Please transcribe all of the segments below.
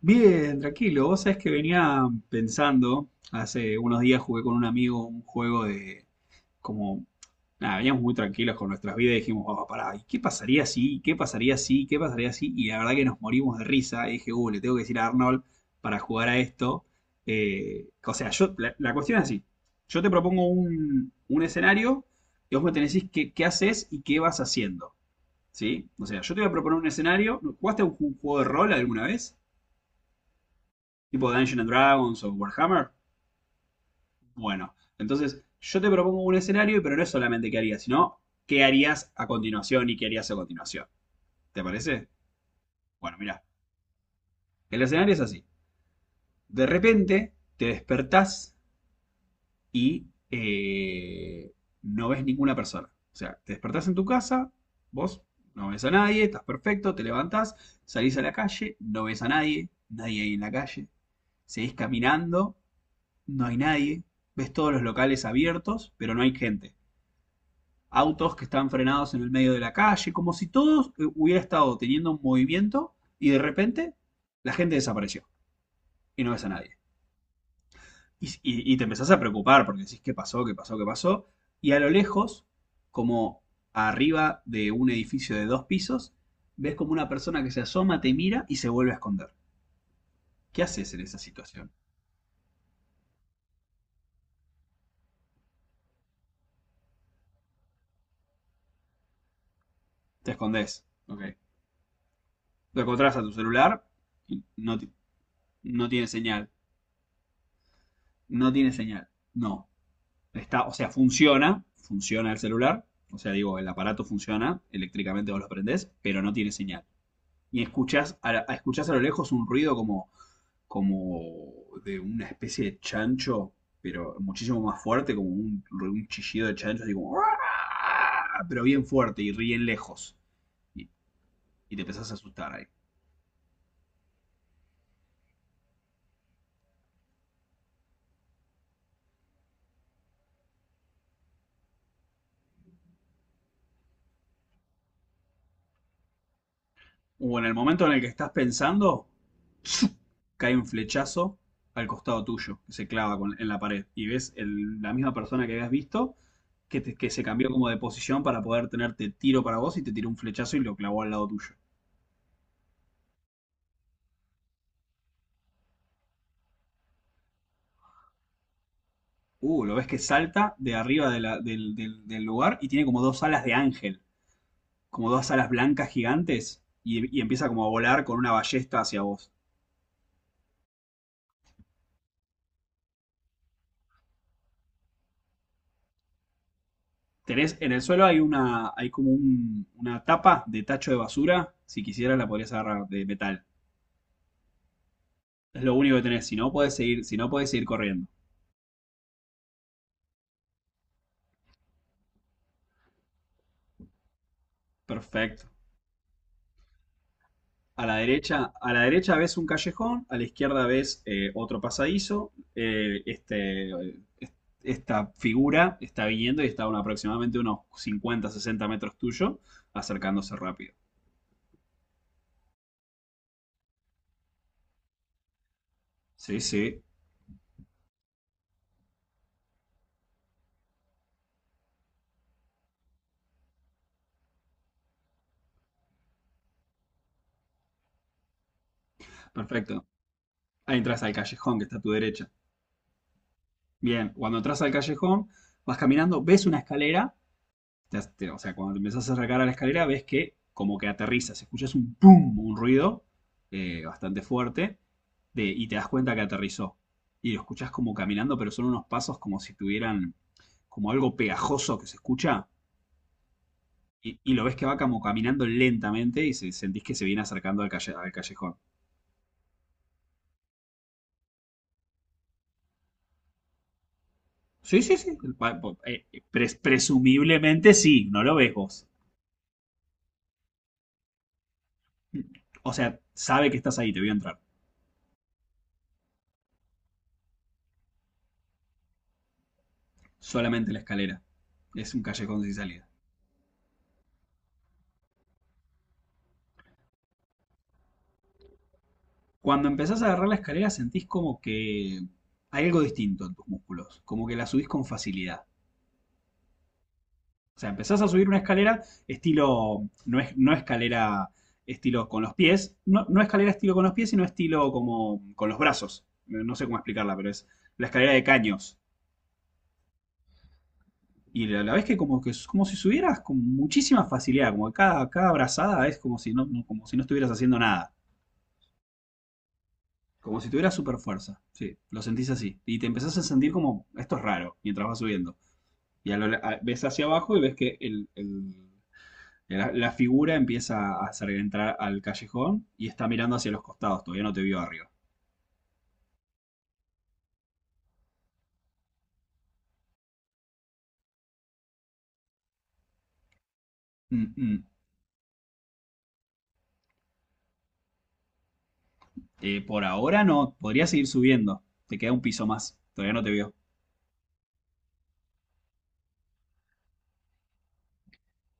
Bien, tranquilo. Vos sabés que venía pensando, hace unos días jugué con un amigo un juego de como, nada, veníamos muy tranquilos con nuestras vidas y dijimos, vamos, pará, ¿y qué pasaría si? ¿Qué pasaría si? ¿Qué pasaría si? Y la verdad que nos morimos de risa. Y dije, le tengo que decir a Arnold para jugar a esto. O sea, la cuestión es así. Yo te propongo un escenario y vos me tenés que decir qué haces y qué vas haciendo. ¿Sí? O sea, yo te voy a proponer un escenario. ¿Jugaste a un juego de rol alguna vez? Tipo Dungeons and Dragons o Warhammer, bueno, entonces yo te propongo un escenario, pero no es solamente qué harías, sino qué harías a continuación y qué harías a continuación. ¿Te parece? Bueno, mira, el escenario es así. De repente te despertás y no ves ninguna persona. O sea, te despertás en tu casa, vos no ves a nadie, estás perfecto, te levantás, salís a la calle, no ves a nadie, nadie ahí en la calle, seguís caminando. No hay nadie. Ves todos los locales abiertos, pero no hay gente. Autos que están frenados en el medio de la calle, como si todo hubiera estado teniendo un movimiento y de repente la gente desapareció y no ves a nadie. Y te empezás a preocupar porque decís qué pasó, qué pasó, qué pasó. Y a lo lejos, como arriba de un edificio de dos pisos, ves como una persona que se asoma, te mira y se vuelve a esconder. ¿Qué haces en esa situación? Te escondés. Ok. Lo encontrás a tu celular y no, no tiene señal. No tiene señal. No. Está, o sea, funciona, funciona el celular. O sea, digo, el aparato funciona, eléctricamente vos lo prendés, pero no tiene señal. Y escuchás a lo lejos un ruido como de una especie de chancho, pero muchísimo más fuerte, como un chillido de chancho, así como, pero bien fuerte y bien lejos. Y, y te empezás a asustar ahí. O en el momento en el que estás pensando, cae un flechazo al costado tuyo, que se clava en la pared. Y ves la misma persona que habías visto, que, que se cambió como de posición para poder tenerte tiro para vos y te tiró un flechazo y lo clavó al lado tuyo. Lo ves que salta de arriba de del lugar y tiene como dos alas de ángel, como dos alas blancas gigantes, y empieza como a volar con una ballesta hacia vos. Tenés, en el suelo hay una, hay como una tapa de tacho de basura. Si quisieras la podrías agarrar de metal. Es lo único que tenés. Si no podés seguir, si no podés seguir corriendo. Perfecto. A la derecha ves un callejón, a la izquierda ves otro pasadizo. Est- Esta figura está viniendo y está a aproximadamente unos 50 60 metros tuyo, acercándose rápido. Sí, sí. Perfecto. Ahí entras al callejón que está a tu derecha. Bien, cuando entras al callejón, vas caminando, ves una escalera, o sea, cuando te empezás a acercar a la escalera, ves que como que aterrizas, escuchas un pum, un ruido bastante fuerte, y te das cuenta que aterrizó. Y lo escuchas como caminando, pero son unos pasos como si tuvieran como algo pegajoso que se escucha, y lo ves que va como caminando lentamente y sentís que se viene acercando al callejón. Sí, sí, sí. va- va- eh, Presumiblemente sí, no lo ves vos. O sea, sabe que estás ahí, te voy a entrar. Solamente la escalera. Es un callejón sin salida. Cuando empezás a agarrar la escalera sentís como que hay algo distinto en tus músculos, como que la subís con facilidad. O sea, empezás a subir una escalera estilo, no, es, no escalera estilo con los pies, no, no escalera estilo con los pies, sino estilo como con los brazos. No no sé cómo explicarla, pero es la escalera de caños. Y la ves que como, que es como si subieras con muchísima facilidad, como que cada, cada brazada es como si, como si no estuvieras haciendo nada. Como si tuviera super fuerza. Sí, lo sentís así. Y te empezás a sentir como, esto es raro, mientras vas subiendo. Y a ves hacia abajo y ves que la figura empieza a hacer entrar al callejón y está mirando hacia los costados, todavía no te vio arriba. Mm, mm. Por ahora no, podrías seguir subiendo. Te queda un piso más, todavía no te vio.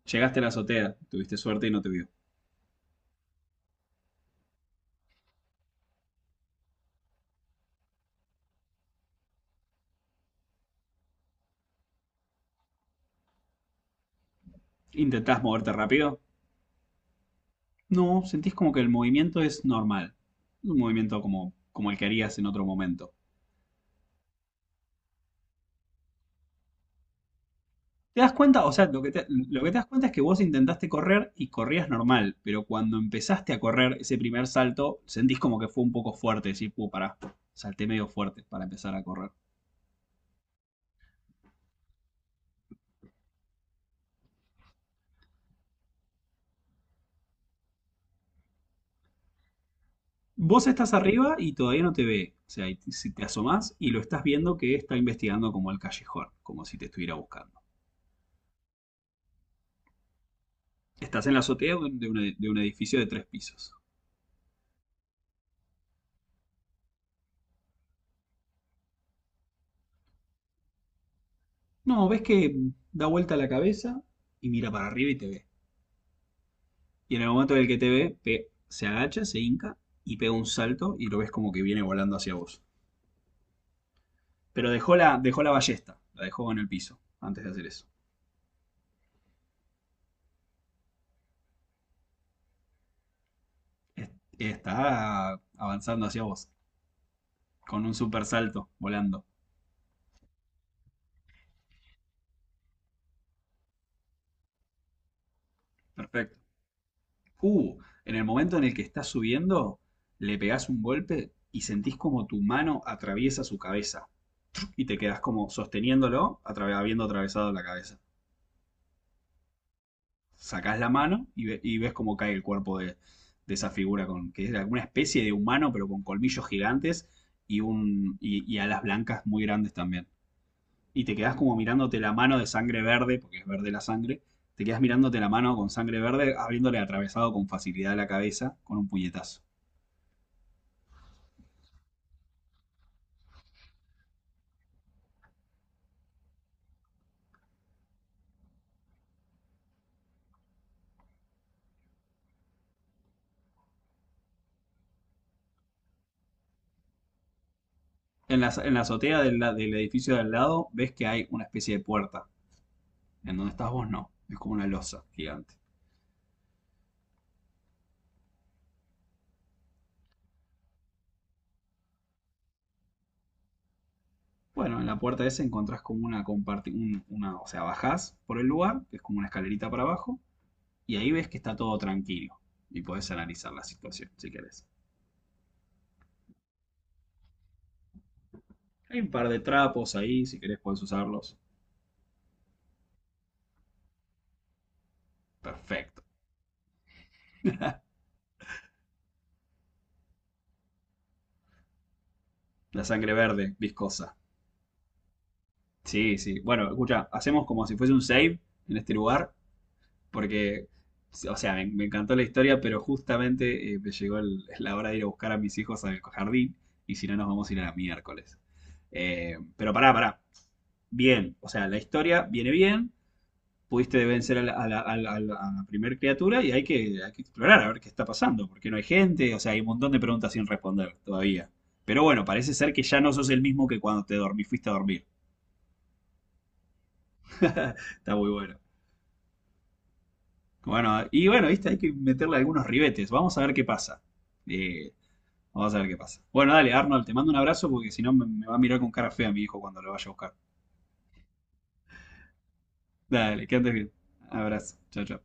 Llegaste a la azotea, tuviste suerte y no te vio. ¿Intentás moverte rápido? No, sentís como que el movimiento es normal. Un movimiento como, como el que harías en otro momento. Te das cuenta, o sea, lo que te das cuenta es que vos intentaste correr y corrías normal, pero cuando empezaste a correr ese primer salto, sentís como que fue un poco fuerte, decís, puh, pará, salté medio fuerte para empezar a correr. Vos estás arriba y todavía no te ve, o sea, y si te asomás y lo estás viendo que está investigando como el callejón, como si te estuviera buscando. Estás en la azotea de de un edificio de tres pisos. No, ves que da vuelta la cabeza y mira para arriba y te ve. Y en el momento en el que te ve, se agacha, se hinca y pega un salto y lo ves como que viene volando hacia vos. Pero dejó la ballesta, la dejó en el piso antes de hacer eso. Está avanzando hacia vos, con un super salto, volando. Perfecto. Uh, en el momento en el que estás subiendo, le pegás un golpe y sentís como tu mano atraviesa su cabeza. Y te quedás como sosteniéndolo, habiendo atravesado la cabeza. Sacás la mano y, y ves cómo cae el cuerpo de esa figura, con, que era una especie de humano, pero con colmillos gigantes y, un, y alas blancas muy grandes también. Y te quedás como mirándote la mano de sangre verde, porque es verde la sangre, te quedás mirándote la mano con sangre verde, habiéndole atravesado con facilidad la cabeza con un puñetazo. En la azotea del edificio de al lado ves que hay una especie de puerta. En donde estás vos no, es como una losa gigante. Bueno, en la puerta esa encontrás como una una, o sea, bajás por el lugar, que es como una escalerita para abajo, y ahí ves que está todo tranquilo y podés analizar la situación si querés. Hay un par de trapos ahí, si querés podés usarlos. Perfecto. La sangre verde, viscosa. Sí, sí. Bueno, escucha, hacemos como si fuese un save en este lugar, porque, o sea, me encantó la historia, pero justamente me llegó la hora de ir a buscar a mis hijos al jardín, y si no nos vamos a ir a la miércoles. Pero pará, pará. Bien. O sea, la historia viene bien, pudiste vencer a a la primer criatura y hay que explorar a ver qué está pasando, porque no hay gente, o sea, hay un montón de preguntas sin responder todavía. Pero bueno, parece ser que ya no sos el mismo que cuando te dormí, fuiste a dormir. Está muy bueno. Bueno, y bueno, viste, hay que meterle algunos ribetes. Vamos a ver qué pasa. Eh, Vamos a ver qué pasa. Bueno, dale, Arnold, te mando un abrazo porque si no me, me va a mirar con cara fea mi hijo cuando lo vaya a buscar. Dale, que andes bien. Abrazo. Chao, chao.